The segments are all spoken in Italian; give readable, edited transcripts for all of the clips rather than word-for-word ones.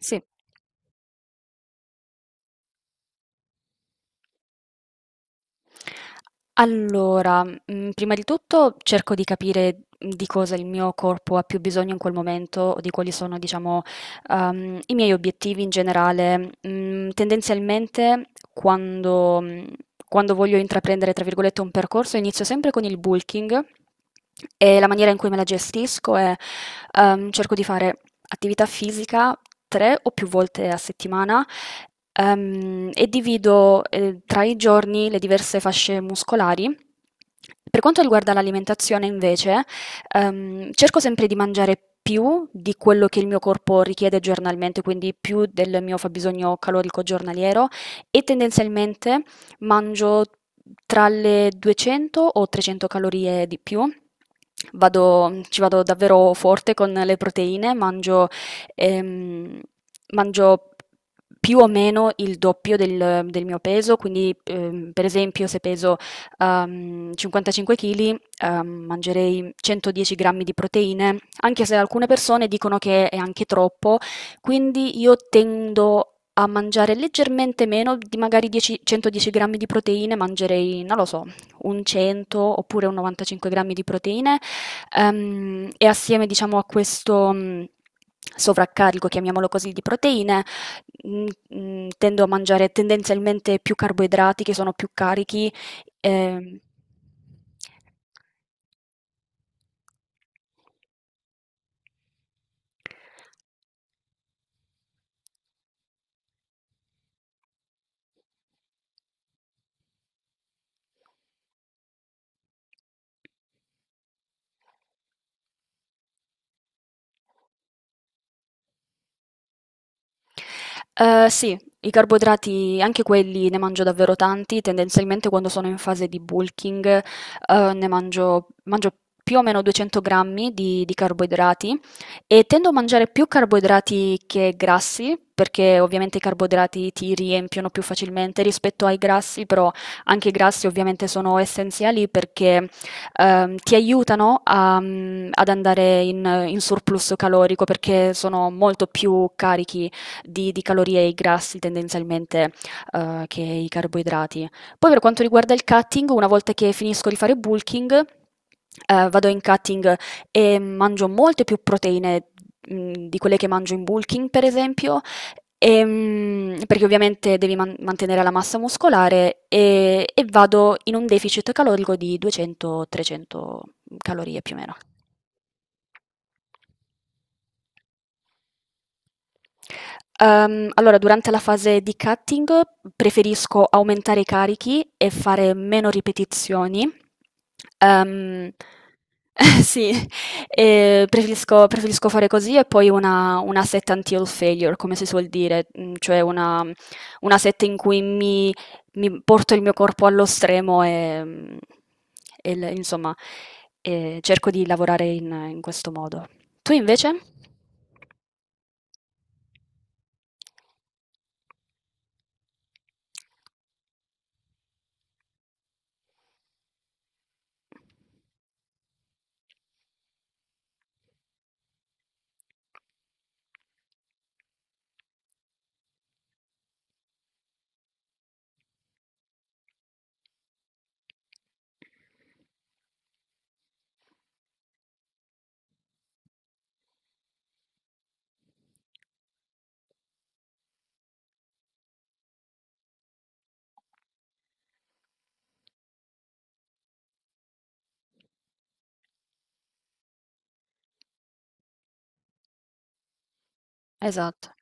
Sì, allora, prima di tutto cerco di capire di cosa il mio corpo ha più bisogno in quel momento, o di quali sono, diciamo, i miei obiettivi in generale. Mhmm, tendenzialmente quando mhmm, quando voglio intraprendere, tra virgolette, "un percorso", inizio sempre con il bulking, e la maniera in cui me la gestisco è: cerco di fare attività fisica 3 o più volte a settimana. E divido, tra i giorni le diverse fasce muscolari. Per quanto riguarda l'alimentazione invece, cerco sempre di mangiare più di quello che il mio corpo richiede giornalmente, quindi più del mio fabbisogno calorico giornaliero, e tendenzialmente mangio tra le 200 o 300 calorie di più. Ci vado davvero forte con le proteine. Mangio, ehm, mangio più o meno il doppio del mio peso. Quindi per esempio, se peso 55 kg, mangerei 110 grammi di proteine, anche se alcune persone dicono che è anche troppo, quindi io tendo a mangiare leggermente meno. Di magari 10 110 grammi di proteine, mangerei, non lo so, un 100 oppure un 95 grammi di proteine, e assieme, diciamo, a questo sovraccarico, chiamiamolo così, di proteine, tendo a mangiare tendenzialmente più carboidrati che sono più carichi. ehm, sì, i carboidrati anche quelli ne mangio davvero tanti, tendenzialmente quando sono in fase di bulking. Ne mangio più o meno 200 grammi di carboidrati, e tendo a mangiare più carboidrati che grassi, perché ovviamente i carboidrati ti riempiono più facilmente rispetto ai grassi. Però anche i grassi ovviamente sono essenziali, perché ti aiutano a ad andare in surplus calorico, perché sono molto più carichi di calorie, e i grassi tendenzialmente che i carboidrati. Poi per quanto riguarda il cutting, una volta che finisco di fare bulking, vado in cutting e mangio molte più proteine di quelle che mangio in bulking, per esempio, perché ovviamente devi mantenere la massa muscolare, e vado in un deficit calorico di 200-300 calorie più o meno. Allora, durante la fase di cutting preferisco aumentare i carichi e fare meno ripetizioni. Ehm, sì, e preferisco fare così, e poi una set until failure, come si suol dire, cioè una set in cui mi porto il mio corpo allo stremo, e insomma, e cerco di lavorare in questo modo. Tu invece? Esatto,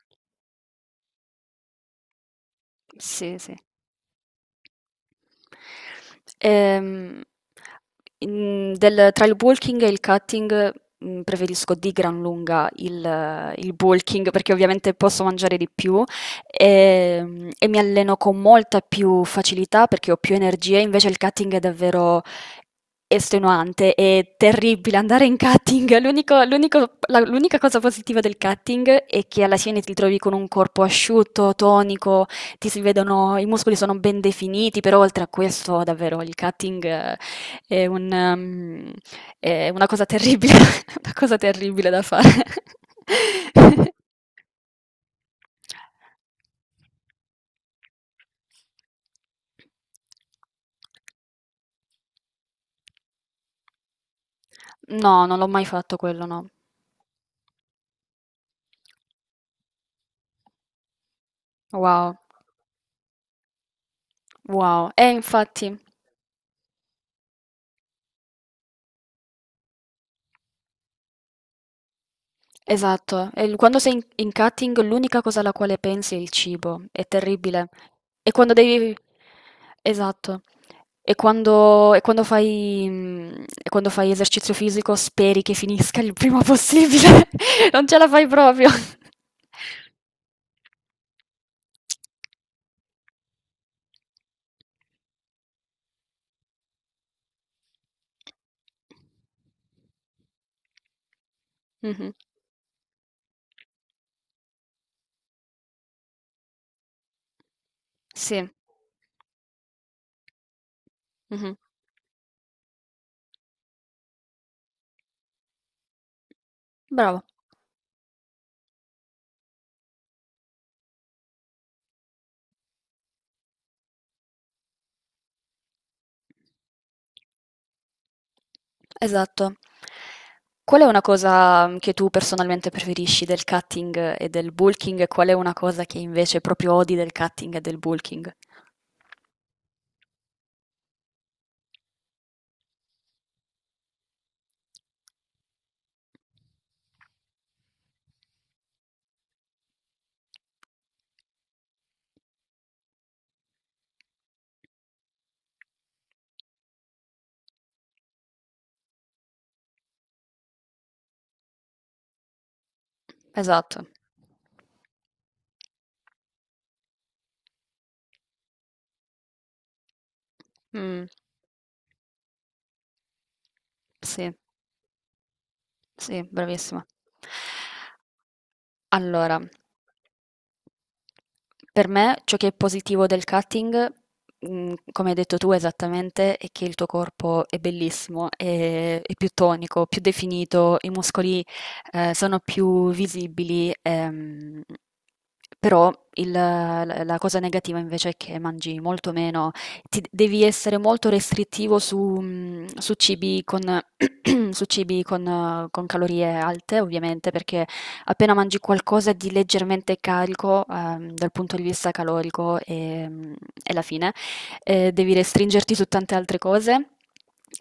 sì, sì. Ehm, in del Tra il walking e il cutting, preferisco di gran lunga il walking, perché ovviamente posso mangiare di più, e mi alleno con molta più facilità perché ho più energie. Invece il cutting è davvero estenuante, è terribile andare in cutting. L'unica cosa positiva del cutting è che alla fine ti ritrovi con un corpo asciutto, tonico, ti si vedono i muscoli, sono ben definiti. Però oltre a questo, davvero, il cutting è un mhmm, è una cosa terribile, una cosa terribile da fare. No, non l'ho mai fatto quello, no. Wow, wow. Eh, infatti. Esatto, e quando sei in cutting l'unica cosa alla quale pensi è il cibo, è terribile. E quando devi... Esatto. E quando fai esercizio fisico, speri che finisca il prima possibile. Non ce la fai proprio. Mhm. Sì. Mhm. Bravo. Esatto. Qual è una cosa che tu personalmente preferisci del cutting e del bulking, e qual è una cosa che invece proprio odi del cutting e del bulking? Esatto. Mh, sì, sì, bravissima. Allora, per me ciò che è positivo del cutting, come hai detto tu esattamente, è che il tuo corpo è bellissimo, è più tonico, più definito, i muscoli sono più visibili. Però il la la cosa negativa invece è che mangi molto meno, ti devi essere molto restrittivo su cibi con su cibi con calorie alte ovviamente, perché appena mangi qualcosa di leggermente carico, dal punto di vista calorico, è la fine. Devi restringerti su tante altre cose.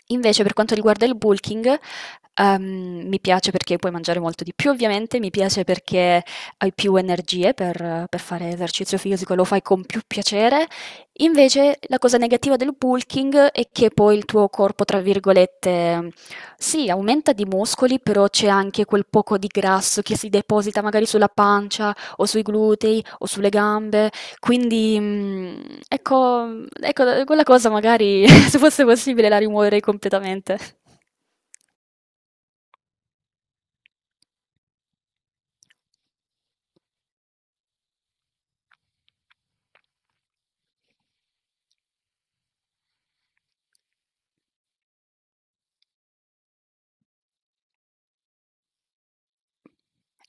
Invece, per quanto riguarda il bulking, mi piace perché puoi mangiare molto di più, ovviamente. Mi piace perché hai più energie per fare esercizio fisico e lo fai con più piacere. Invece la cosa negativa del bulking è che poi il tuo corpo, tra virgolette, sì, aumenta di muscoli, però c'è anche quel poco di grasso che si deposita magari sulla pancia o sui glutei o sulle gambe. Quindi, ecco, ecco, quella cosa magari, se fosse possibile, la rimuoverei completamente.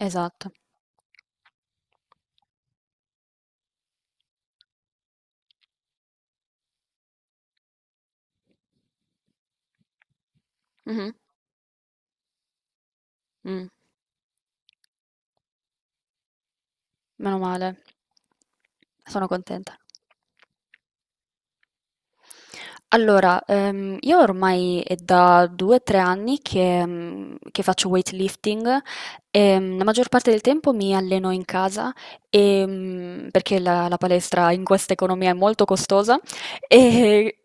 Esatto. Mhm. Mm. Meno male. Sono contenta. Allora, io ormai è da 2-3 anni che faccio weightlifting, e la maggior parte del tempo mi alleno in casa, e perché la palestra in questa economia è molto costosa. e-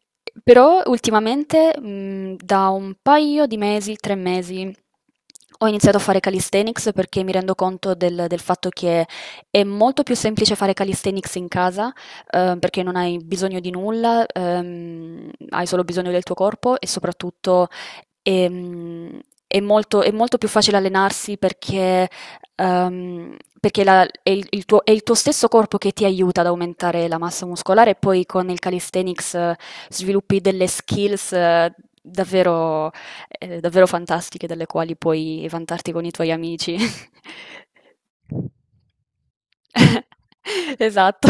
Però ultimamente, da un paio di mesi, 3 mesi, ho iniziato a fare calisthenics, perché mi rendo conto del fatto che è molto più semplice fare calisthenics in casa, perché non hai bisogno di nulla, hai solo bisogno del tuo corpo, e soprattutto ehm, è molto più facile allenarsi perché è il tuo stesso corpo che ti aiuta ad aumentare la massa muscolare. E poi con il calisthenics sviluppi delle skills davvero, davvero fantastiche, delle quali puoi vantarti con i tuoi amici. Esatto.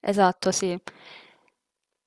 Esatto, sì.